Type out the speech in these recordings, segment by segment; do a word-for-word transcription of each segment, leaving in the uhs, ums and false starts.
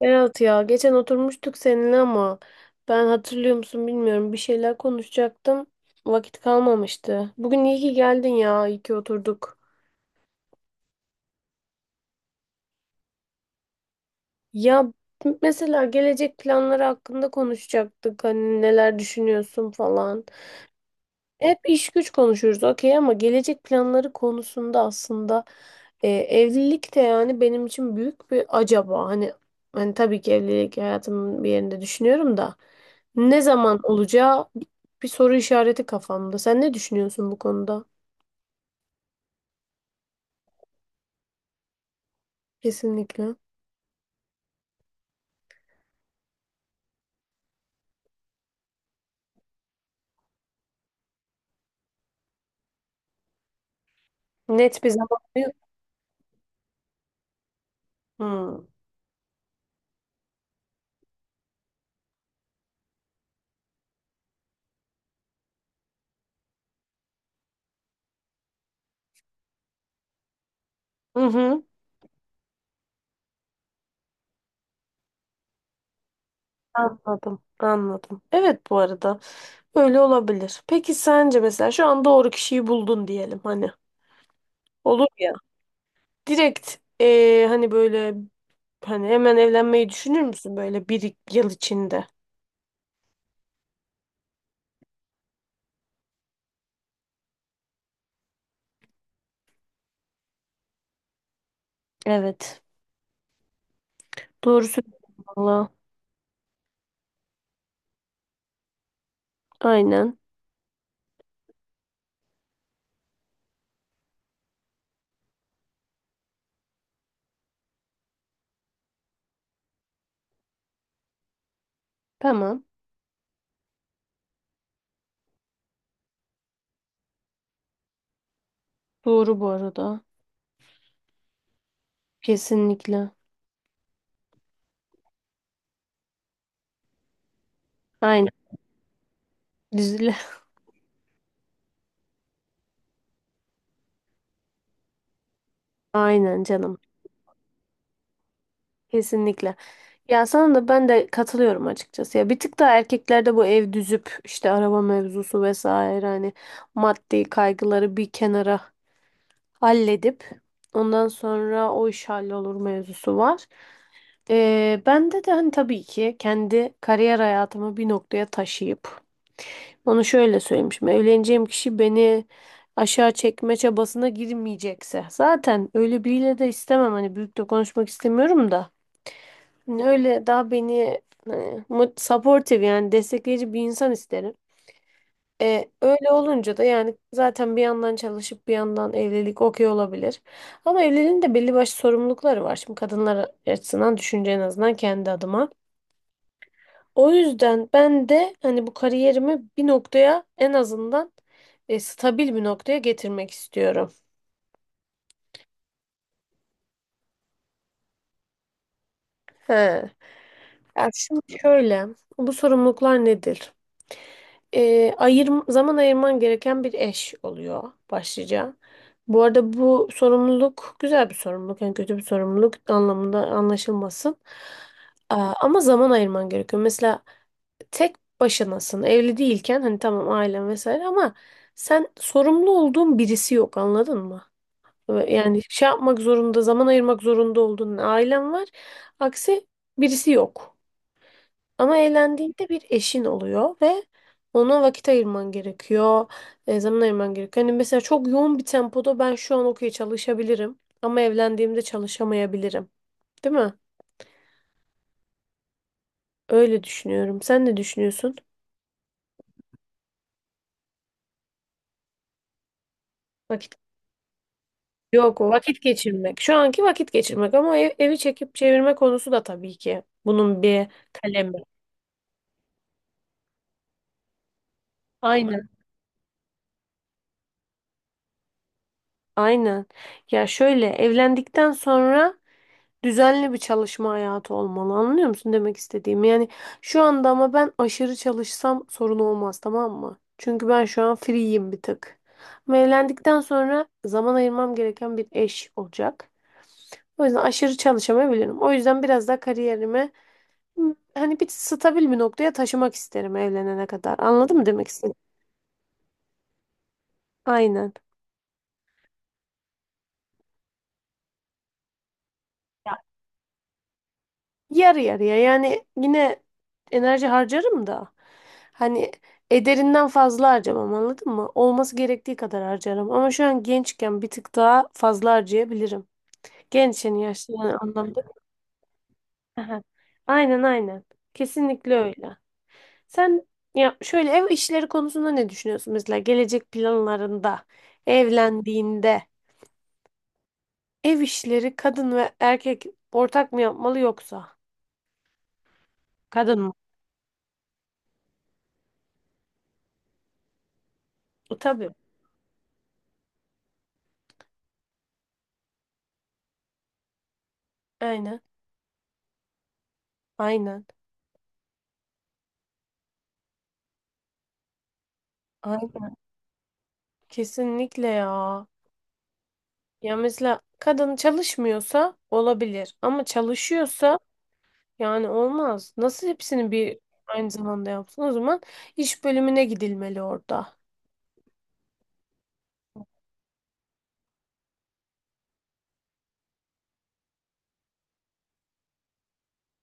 Berat ya geçen oturmuştuk seninle ama ben hatırlıyor musun bilmiyorum bir şeyler konuşacaktım. Vakit kalmamıştı. Bugün iyi ki geldin ya iyi ki oturduk. Ya mesela gelecek planları hakkında konuşacaktık hani neler düşünüyorsun falan. Hep iş güç konuşuyoruz okey ama gelecek planları konusunda aslında e, evlilik de yani benim için büyük bir acaba. Hani hani tabii ki evlilik hayatımın bir yerinde düşünüyorum da ne zaman olacağı bi- bir soru işareti kafamda. Sen ne düşünüyorsun bu konuda? Kesinlikle. Net bir zaman yok. Hmm. Hı hı. Anladım, anladım. Evet, bu arada öyle olabilir. Peki sence mesela şu an doğru kişiyi buldun diyelim hani. Olur. Direkt eee, hani böyle hani hemen evlenmeyi düşünür müsün böyle bir yıl içinde? Evet. Doğru söylüyorsun valla. Aynen. Tamam. Doğru bu arada. Kesinlikle. Aynen. Düzle. Aynen canım. Kesinlikle. Ya sana da ben de katılıyorum açıkçası. Ya bir tık daha erkeklerde bu ev düzüp işte araba mevzusu vesaire hani maddi kaygıları bir kenara halledip ondan sonra o iş hallolur mevzusu var. Ee, bende de hani tabii ki kendi kariyer hayatımı bir noktaya taşıyıp onu şöyle söylemişim. Evleneceğim kişi beni aşağı çekme çabasına girmeyecekse. Zaten öyle biriyle de istemem. Hani büyük de konuşmak istemiyorum da. Hani öyle daha beni hani, mu- supportive yani destekleyici bir insan isterim. Ee, öyle olunca da yani zaten bir yandan çalışıp bir yandan evlilik okey olabilir. Ama evliliğin de belli başlı sorumlulukları var. Şimdi kadınlar açısından düşünce en azından kendi adıma. O yüzden ben de hani bu kariyerimi bir noktaya en azından e, stabil bir noktaya getirmek istiyorum. He. Ya şimdi şöyle, bu sorumluluklar nedir? E, ayırm- Zaman ayırman gereken bir eş oluyor başlıca. Bu arada bu sorumluluk güzel bir sorumluluk, yani kötü bir sorumluluk anlamında anlaşılmasın. Aa, ama zaman ayırman gerekiyor. Mesela tek başınasın. Evli değilken hani tamam ailen vesaire ama sen sorumlu olduğun birisi yok anladın mı? Ve yani şey yapmak zorunda, zaman ayırmak zorunda olduğun ailen var. Aksi birisi yok. Ama evlendiğinde bir eşin oluyor ve ona vakit ayırman gerekiyor. E, zaman ayırman gerekiyor. Hani mesela çok yoğun bir tempoda ben şu an okey çalışabilirim ama evlendiğimde çalışamayabilirim. Değil mi? Öyle düşünüyorum. Sen ne düşünüyorsun? Vakit. Yok o vakit geçirmek. Şu anki vakit geçirmek ama ev- evi çekip çevirme konusu da tabii ki bunun bir kalemi. Aynen. Aynen. Ya şöyle evlendikten sonra düzenli bir çalışma hayatı olmalı. Anlıyor musun demek istediğimi? Yani şu anda ama ben aşırı çalışsam sorun olmaz tamam mı? Çünkü ben şu an free'yim bir tık. Ama evlendikten sonra zaman ayırmam gereken bir eş olacak. O yüzden aşırı çalışamayabilirim. O yüzden biraz daha kariyerime Hı. Hani bir stabil bir noktaya taşımak isterim evlenene kadar. Anladın mı demek istedim? Aynen. Ya, yarı yarıya yani yine enerji harcarım da hani ederinden fazla harcamam anladın mı? Olması gerektiği kadar harcarım ama şu an gençken bir tık daha fazla harcayabilirim. Gençken yaşlı anlamda. Aha. Aynen, aynen. Kesinlikle öyle. Sen ya şöyle ev işleri konusunda ne düşünüyorsun mesela gelecek planlarında evlendiğinde? Ev işleri kadın ve erkek ortak mı yapmalı yoksa? Kadın mı? E, Tabii. Aynen. Aynen. Aynen. Kesinlikle ya. Ya mesela kadın çalışmıyorsa olabilir ama çalışıyorsa yani olmaz. Nasıl hepsini bir aynı zamanda yapsın? O zaman iş bölümüne gidilmeli orada.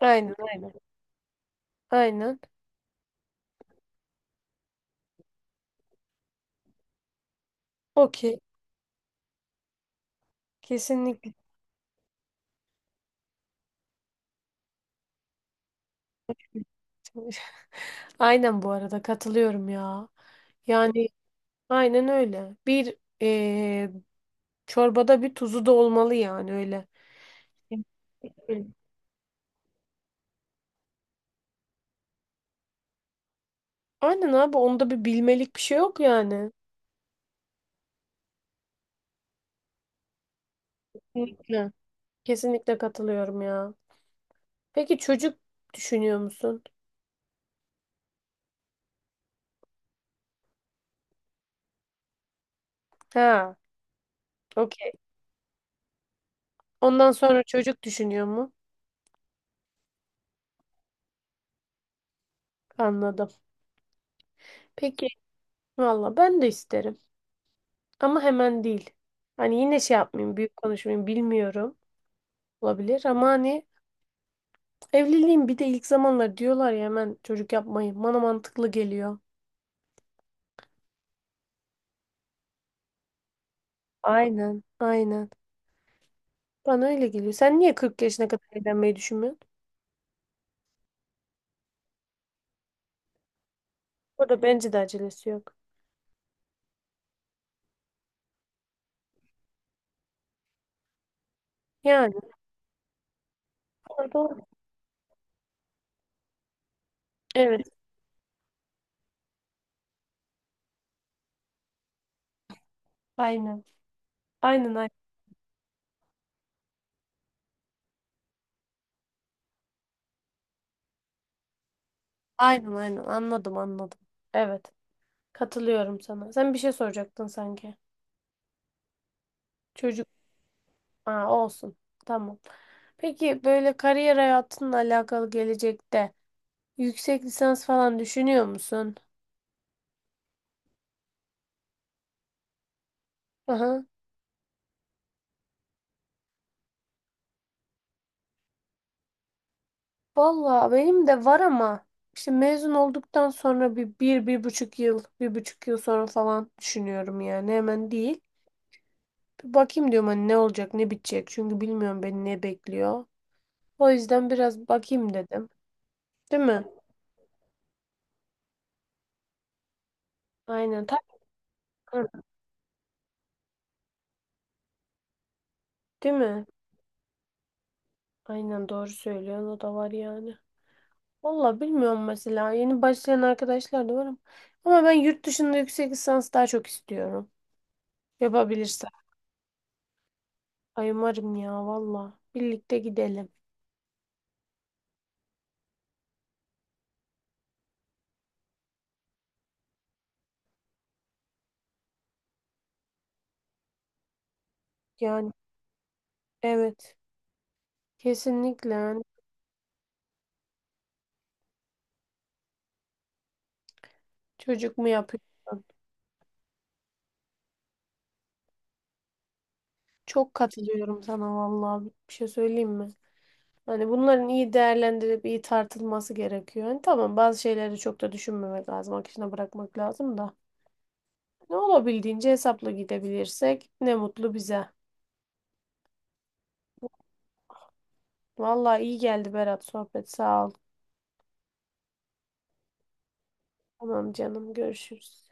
Aynen, aynen. Aynen. Okey. Kesinlikle. çalış- Aynen bu arada katılıyorum ya. Yani aynen öyle. Bir eee, çorbada bir tuzu da olmalı yani öyle. Evet. Aynen abi onda bir bilmelik bir şey yok yani. Kesinlikle. Kesinlikle katılıyorum ya. Peki çocuk düşünüyor musun? Ha, okey. Ondan sonra çocuk düşünüyor mu? Anladım. Peki valla ben de isterim. Ama hemen değil. Hani yine şey yapmayayım, büyük konuşmayayım bilmiyorum. Olabilir ama hani evliliğin bir de ilk zamanlar diyorlar ya hemen çocuk yapmayın. Bana mantıklı geliyor. Aynen, aynen. Bana öyle geliyor. Sen niye kırk yaşına kadar evlenmeyi düşünmüyorsun? Burada bence de acelesi yok. Yani. Ha, doğru. Evet. Aynen. Aynen, aynen. Aynen, aynen. Anladım, anladım. Evet. Katılıyorum sana. Sen bir şey soracaktın sanki. Çocuk. Aa, olsun. Tamam. Peki böyle kariyer hayatınla alakalı gelecekte yüksek lisans falan düşünüyor musun? Aha. Valla benim de var ama işte mezun olduktan sonra bir, bir, bir buçuk yıl, bir buçuk yıl sonra falan düşünüyorum yani hemen değil. Bir bakayım diyorum hani ne olacak, ne bitecek çünkü bilmiyorum beni ne bekliyor. O yüzden biraz bakayım dedim. Değil mi? Aynen. tak- hı, değil mi? Aynen, doğru söylüyorsun, o da var yani. Valla bilmiyorum mesela yeni başlayan arkadaşlar da var ama ama ben yurt dışında yüksek lisans daha çok istiyorum. Yapabilirsem. Ay umarım ya valla. Birlikte gidelim. Yani evet. Kesinlikle. Yani çocuk mu yapıyorsun? Çok katılıyorum sana vallahi bir şey söyleyeyim mi? Hani bunların iyi değerlendirilip iyi tartılması gerekiyor. Hani tamam bazı şeyleri çok da düşünmemek lazım. Akışına bırakmak lazım da. Ne olabildiğince hesapla gidebilirsek ne mutlu bize. Vallahi iyi geldi Berat sohbet. Sağ ol. Tamam canım, görüşürüz.